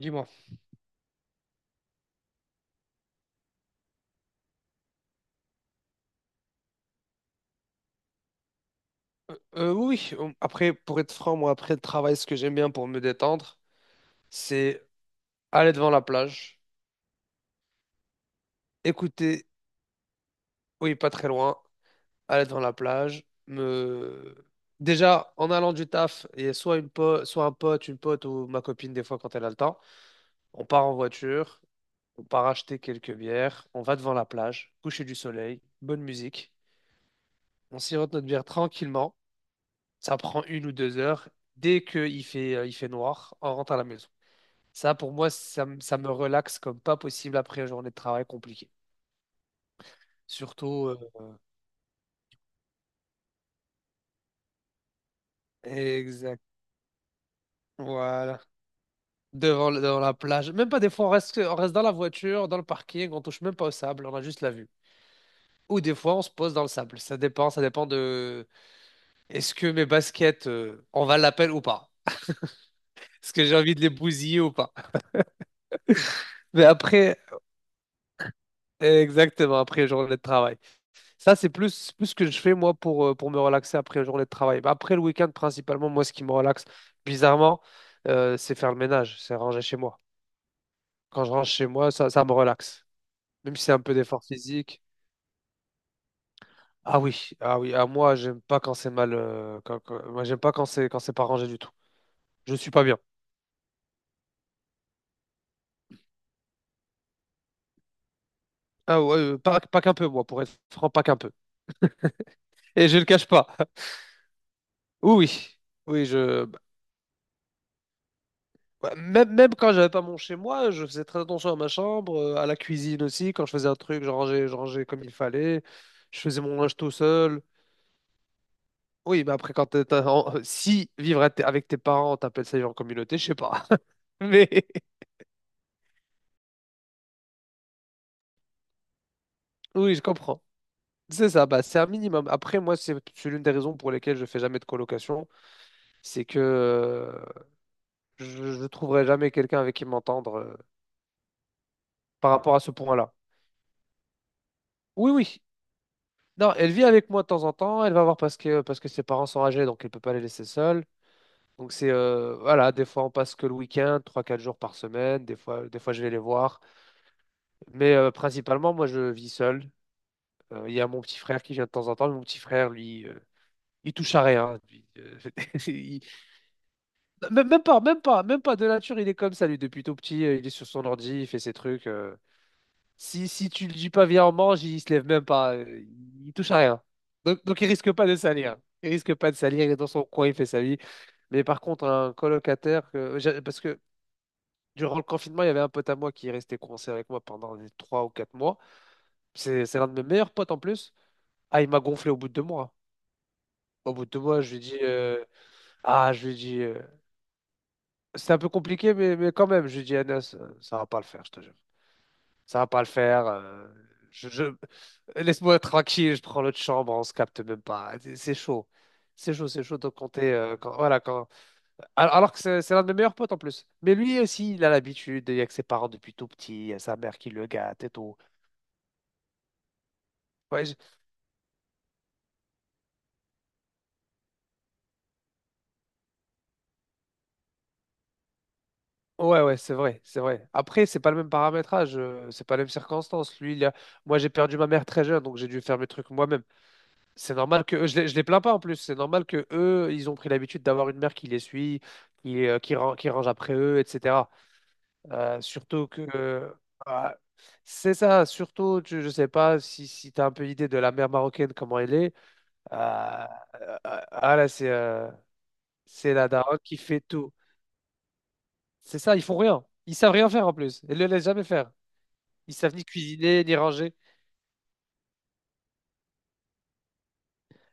Dis-moi. Oui, après, pour être franc, moi, après le travail, ce que j'aime bien pour me détendre, c'est aller devant la plage, écouter, oui, pas très loin, aller devant la plage, me... Déjà, en allant du taf, il y a soit un pote, une pote ou ma copine, des fois, quand elle a le temps, on part en voiture, on part acheter quelques bières, on va devant la plage, coucher du soleil, bonne musique, on sirote notre bière tranquillement, ça prend 1 ou 2 heures, dès qu'il fait noir, on rentre à la maison. Ça, pour moi, ça me relaxe comme pas possible après une journée de travail compliquée. Surtout, euh, Exact. Voilà. Devant la plage. Même pas des fois, on reste dans la voiture, dans le parking, on touche même pas au sable, on a juste la vue. Ou des fois, on se pose dans le sable. Ça dépend de est-ce que mes baskets, on va l'appel ou pas? Est-ce que j'ai envie de les bousiller ou pas? Mais après, exactement, après une journée de travail. Ça, c'est plus ce que je fais, moi, pour me relaxer après la journée de travail. Bah, après le week-end, principalement, moi, ce qui me relaxe, bizarrement, c'est faire le ménage, c'est ranger chez moi. Quand je range chez moi, ça me relaxe. Même si c'est un peu d'effort physique. Ah oui, ah oui, à moi, j'aime pas quand c'est mal. Moi, j'aime pas quand c'est pas rangé du tout. Je suis pas bien. Ah ouais, pas qu'un peu, moi, pour être franc, pas qu'un peu. Et je le cache pas. Oui, oui, oui, ouais, même quand j'avais pas mon chez moi, je faisais très attention à ma chambre, à la cuisine aussi. Quand je faisais un truc, je rangeais comme il fallait. Je faisais mon linge tout seul. Oui, mais après, quand t'es- t'as- en- si vivre avec tes parents, t'appelles ça vivre en communauté, je sais pas. Mais oui, je comprends. C'est ça, bah, c'est un minimum. Après, moi, c'est l'une des raisons pour lesquelles je fais jamais de colocation. C'est que je ne trouverai jamais quelqu'un avec qui m'entendre par rapport à ce point-là. Oui, oui. Non, elle vit avec moi de temps en temps. Elle va voir parce que, ses parents sont âgés, donc elle peut pas les laisser seuls. Donc c'est voilà, des fois on passe que le week-end, trois quatre jours par semaine, des fois, je vais les voir. Mais principalement, moi je vis seul. Il y a mon petit frère qui vient de temps en temps, mais mon petit frère, lui, il touche à rien. Lui, il- même pas, même pas, même pas de nature, il est comme ça, lui, depuis tout petit, il est sur son ordi, il fait ses trucs. Si, tu le dis pas viens on mange, il se lève même pas, il touche à rien. Donc, il risque pas de salir. Il risque pas de salir, il est dans son coin, il fait sa vie. Mais par contre, un colocataire, parce que durant le confinement, il y avait un pote à moi qui est resté coincé avec moi pendant les 3 ou 4 mois. C'est l'un de mes meilleurs potes en plus. Ah, il m'a gonflé au bout de 2 mois. Au bout de deux mois, je lui dis, ah, je lui dis, euh, c'est un peu compliqué, mais, quand même, je lui dis, Anas, ça va pas le faire, je te jure. Ça va pas le faire. Je, je- Laisse-moi tranquille, je prends l'autre chambre, on se capte même pas. C'est chaud. C'est chaud, c'est chaud de compter. Quand, voilà, quand... Alors que c'est l'un de mes meilleurs potes en plus. Mais lui aussi, il a l'habitude, il y a que ses parents depuis tout petit, il y a sa mère qui le gâte et tout. Ouais, ouais, ouais, c'est vrai, c'est vrai. Après, c'est pas le même paramétrage, c'est pas les mêmes circonstances. Lui, moi, j'ai perdu ma mère très jeune, donc j'ai dû faire mes trucs moi-même. C'est normal que je les plains pas en plus. C'est normal que eux, ils ont pris l'habitude d'avoir une mère qui les suit, qui range après eux, etc. Surtout que ah, c'est ça. Surtout, je sais pas si tu as un peu idée de la mère marocaine, comment elle est. Euh, euh, ah là, c'est c'est la daronne qui fait tout. C'est ça, ils font rien. Ils savent rien faire en plus. Ils le laissent jamais faire. Ils savent ni cuisiner, ni ranger.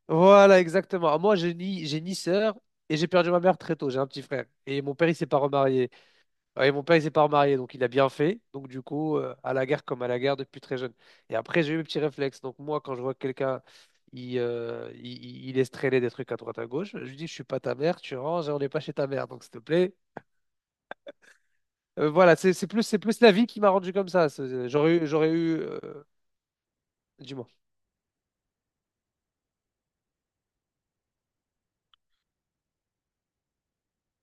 Voilà, exactement. Moi, j'ai ni sœur et j'ai perdu ma mère très tôt. J'ai un petit frère. Et mon père, il s'est pas remarié. Ouais, mon père, il s'est pas remarié, donc il a bien fait. Donc, du coup, à la guerre comme à la guerre depuis très jeune. Et après, j'ai eu mes petits réflexes. Donc, moi, quand je vois que quelqu'un, il laisse traîner des trucs à droite à gauche, je lui dis, je suis pas ta mère, tu ranges et on n'est pas chez ta mère. Donc, s'il te plaît. Voilà, c'est plus la vie qui m'a rendu comme ça. Dis-moi.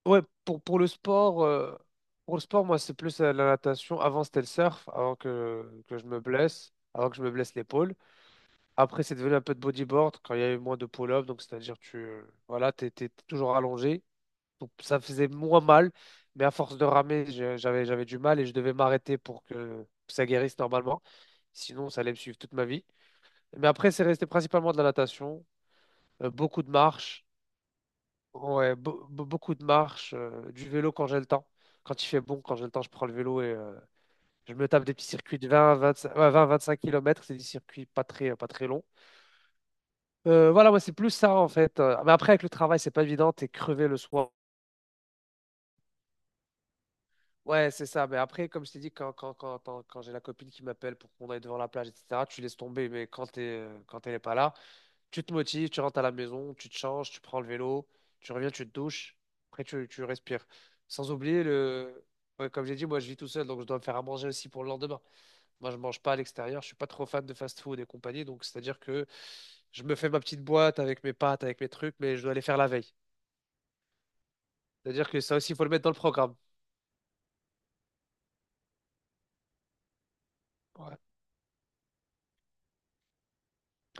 Ouais, pour le sport, moi, c'est plus la natation. Avant, c'était le surf, avant que je me blesse l'épaule. Après, c'est devenu un peu de bodyboard quand il y avait moins de pull-up, donc c'est-à-dire tu voilà, t'étais toujours allongé, donc ça faisait moins mal, mais à force de ramer, j'avais du mal et je devais m'arrêter pour que ça guérisse normalement, sinon ça allait me suivre toute ma vie. Mais après, c'est resté principalement de la natation, beaucoup de marches, ouais, du vélo quand j'ai le temps, quand il fait bon, quand j'ai le temps, je prends le vélo et je me tape des petits circuits de 20, 25, ouais, 20, 25 km, c'est des circuits pas très longs. Voilà, ouais, c'est plus ça en fait. Mais après, avec le travail, c'est pas évident, t'es crevé le soir. Ouais, c'est ça. Mais après, comme je t'ai dit, quand j'ai la copine qui m'appelle pour qu'on aille devant la plage, etc., tu laisses tomber. Mais quand elle n'est pas là, tu te motives, tu rentres à la maison, tu te changes, tu prends le vélo, tu reviens, tu te douches, après tu respires. Sans oublier le. Ouais, comme j'ai dit, moi je vis tout seul, donc je dois me faire à manger aussi pour le lendemain. Moi, je mange pas à l'extérieur, je suis pas trop fan de fast-food et compagnie, donc c'est-à-dire que je me fais ma petite boîte avec mes pâtes, avec mes trucs, mais je dois aller faire la veille. C'est-à-dire que ça aussi, il faut le mettre dans le programme. Ouais.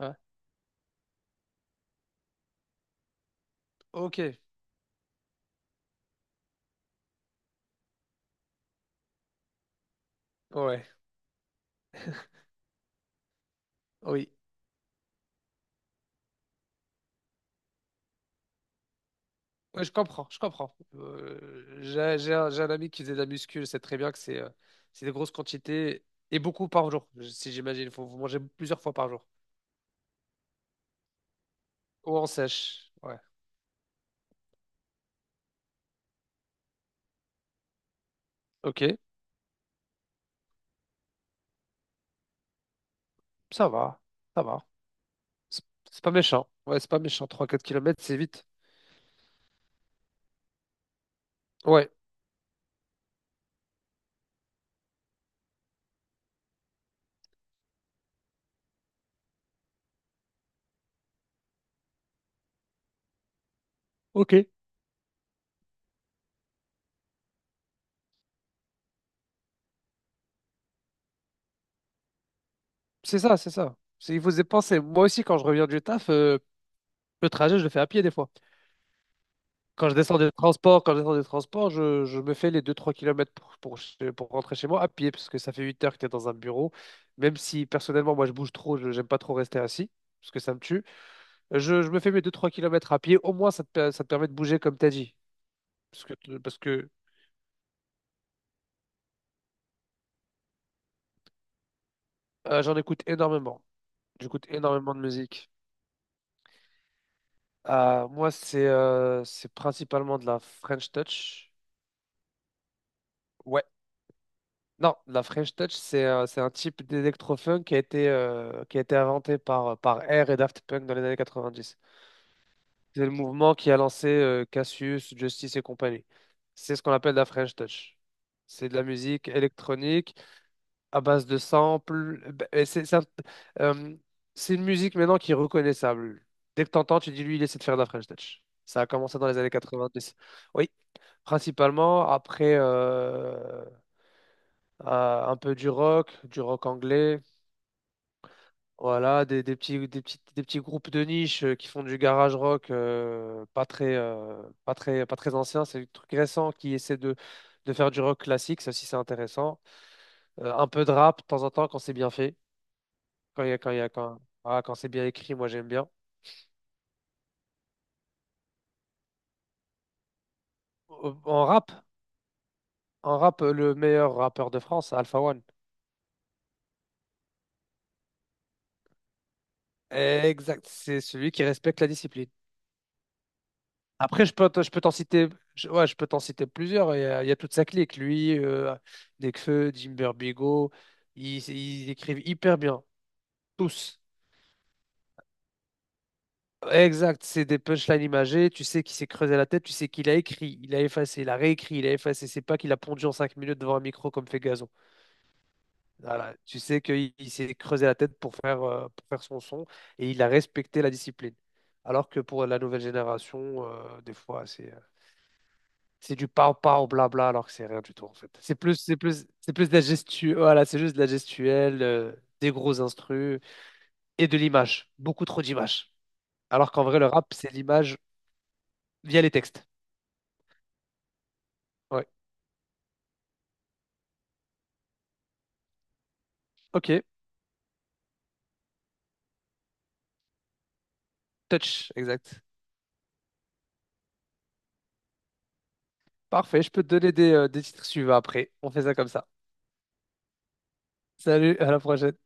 Ouais. Ok. Ouais. Oui. Ouais, je comprends. Je comprends. J'ai un ami qui faisait de la muscu. Je sais très bien que c'est des grosses quantités et beaucoup par jour. Si j'imagine, il faut vous manger plusieurs fois par jour. Ou en sèche. Ouais. Ok. Ça va. Ça va. C'est c'est pas méchant. Ouais, c'est pas méchant. Trois, quatre kilomètres, c'est vite. Ouais. Ok. C'est ça, c'est ça. Il faut se dépenser. Moi aussi, quand je reviens du taf, le trajet, je le fais à pied des fois. Quand je descends des transports, je me fais les deux trois kilomètres pour rentrer chez moi à pied, parce que ça fait 8 heures que tu es dans un bureau. Même si personnellement, moi, je bouge trop, je n'aime pas trop rester assis, parce que ça me tue. Je me fais mes deux trois kilomètres à pied, au moins ça te permet de bouger comme tu as dit. Parce que, j'en écoute énormément. J'écoute énormément de musique. Moi, c'est c'est principalement de la French Touch. Non, la French Touch, c'est c'est un type d'électro-funk qui a été inventé par Air et Daft Punk dans les années 90. C'est le mouvement qui a lancé Cassius, Justice et compagnie. C'est ce qu'on appelle la French Touch. C'est de la musique électronique à base de samples. Euh, c'est une musique maintenant qui est reconnaissable. Dès que t'entends, tu dis lui, il essaie de faire de la French Touch. Ça a commencé dans les années 90. Oui, principalement après. Un peu du rock anglais, voilà, des petits groupes de niche qui font du garage rock pas très ancien, c'est des trucs récents qui essaient de faire du rock classique, ça aussi c'est intéressant. Un peu de rap de temps en temps quand c'est bien fait, quand il y a, quand il y a, quand c'est bien écrit, moi j'aime bien. Euh, En rap, en rap, le meilleur rappeur de France, Alpha One. Exact, c'est celui qui respecte la discipline. Après, Ouais, je peux t'en citer plusieurs. Il y a toute sa clique. Lui, Nekfeu, Jim Bigo, ils écrivent hyper bien. Tous. Exact. C'est des punchlines imagées. Tu sais qu'il s'est creusé la tête. Tu sais qu'il a écrit, il a effacé, il a réécrit, il a effacé. C'est pas qu'il a pondu en 5 minutes devant un micro comme fait Gazon. Voilà. Tu sais qu'il il s'est creusé la tête pour faire son et il a respecté la discipline. Alors que pour la nouvelle génération, des fois, c'est. C'est du pow pow blabla alors que c'est rien du tout en fait. C'est plus de la gestu... voilà, c'est juste de la gestuelle, des gros instrus et de l'image. Beaucoup trop d'images. Alors qu'en vrai, le rap, c'est l'image via les textes. Ouais. Ok. Touch, exact. Parfait. Je peux te donner des titres suivants après. On fait ça comme ça. Salut, à la prochaine.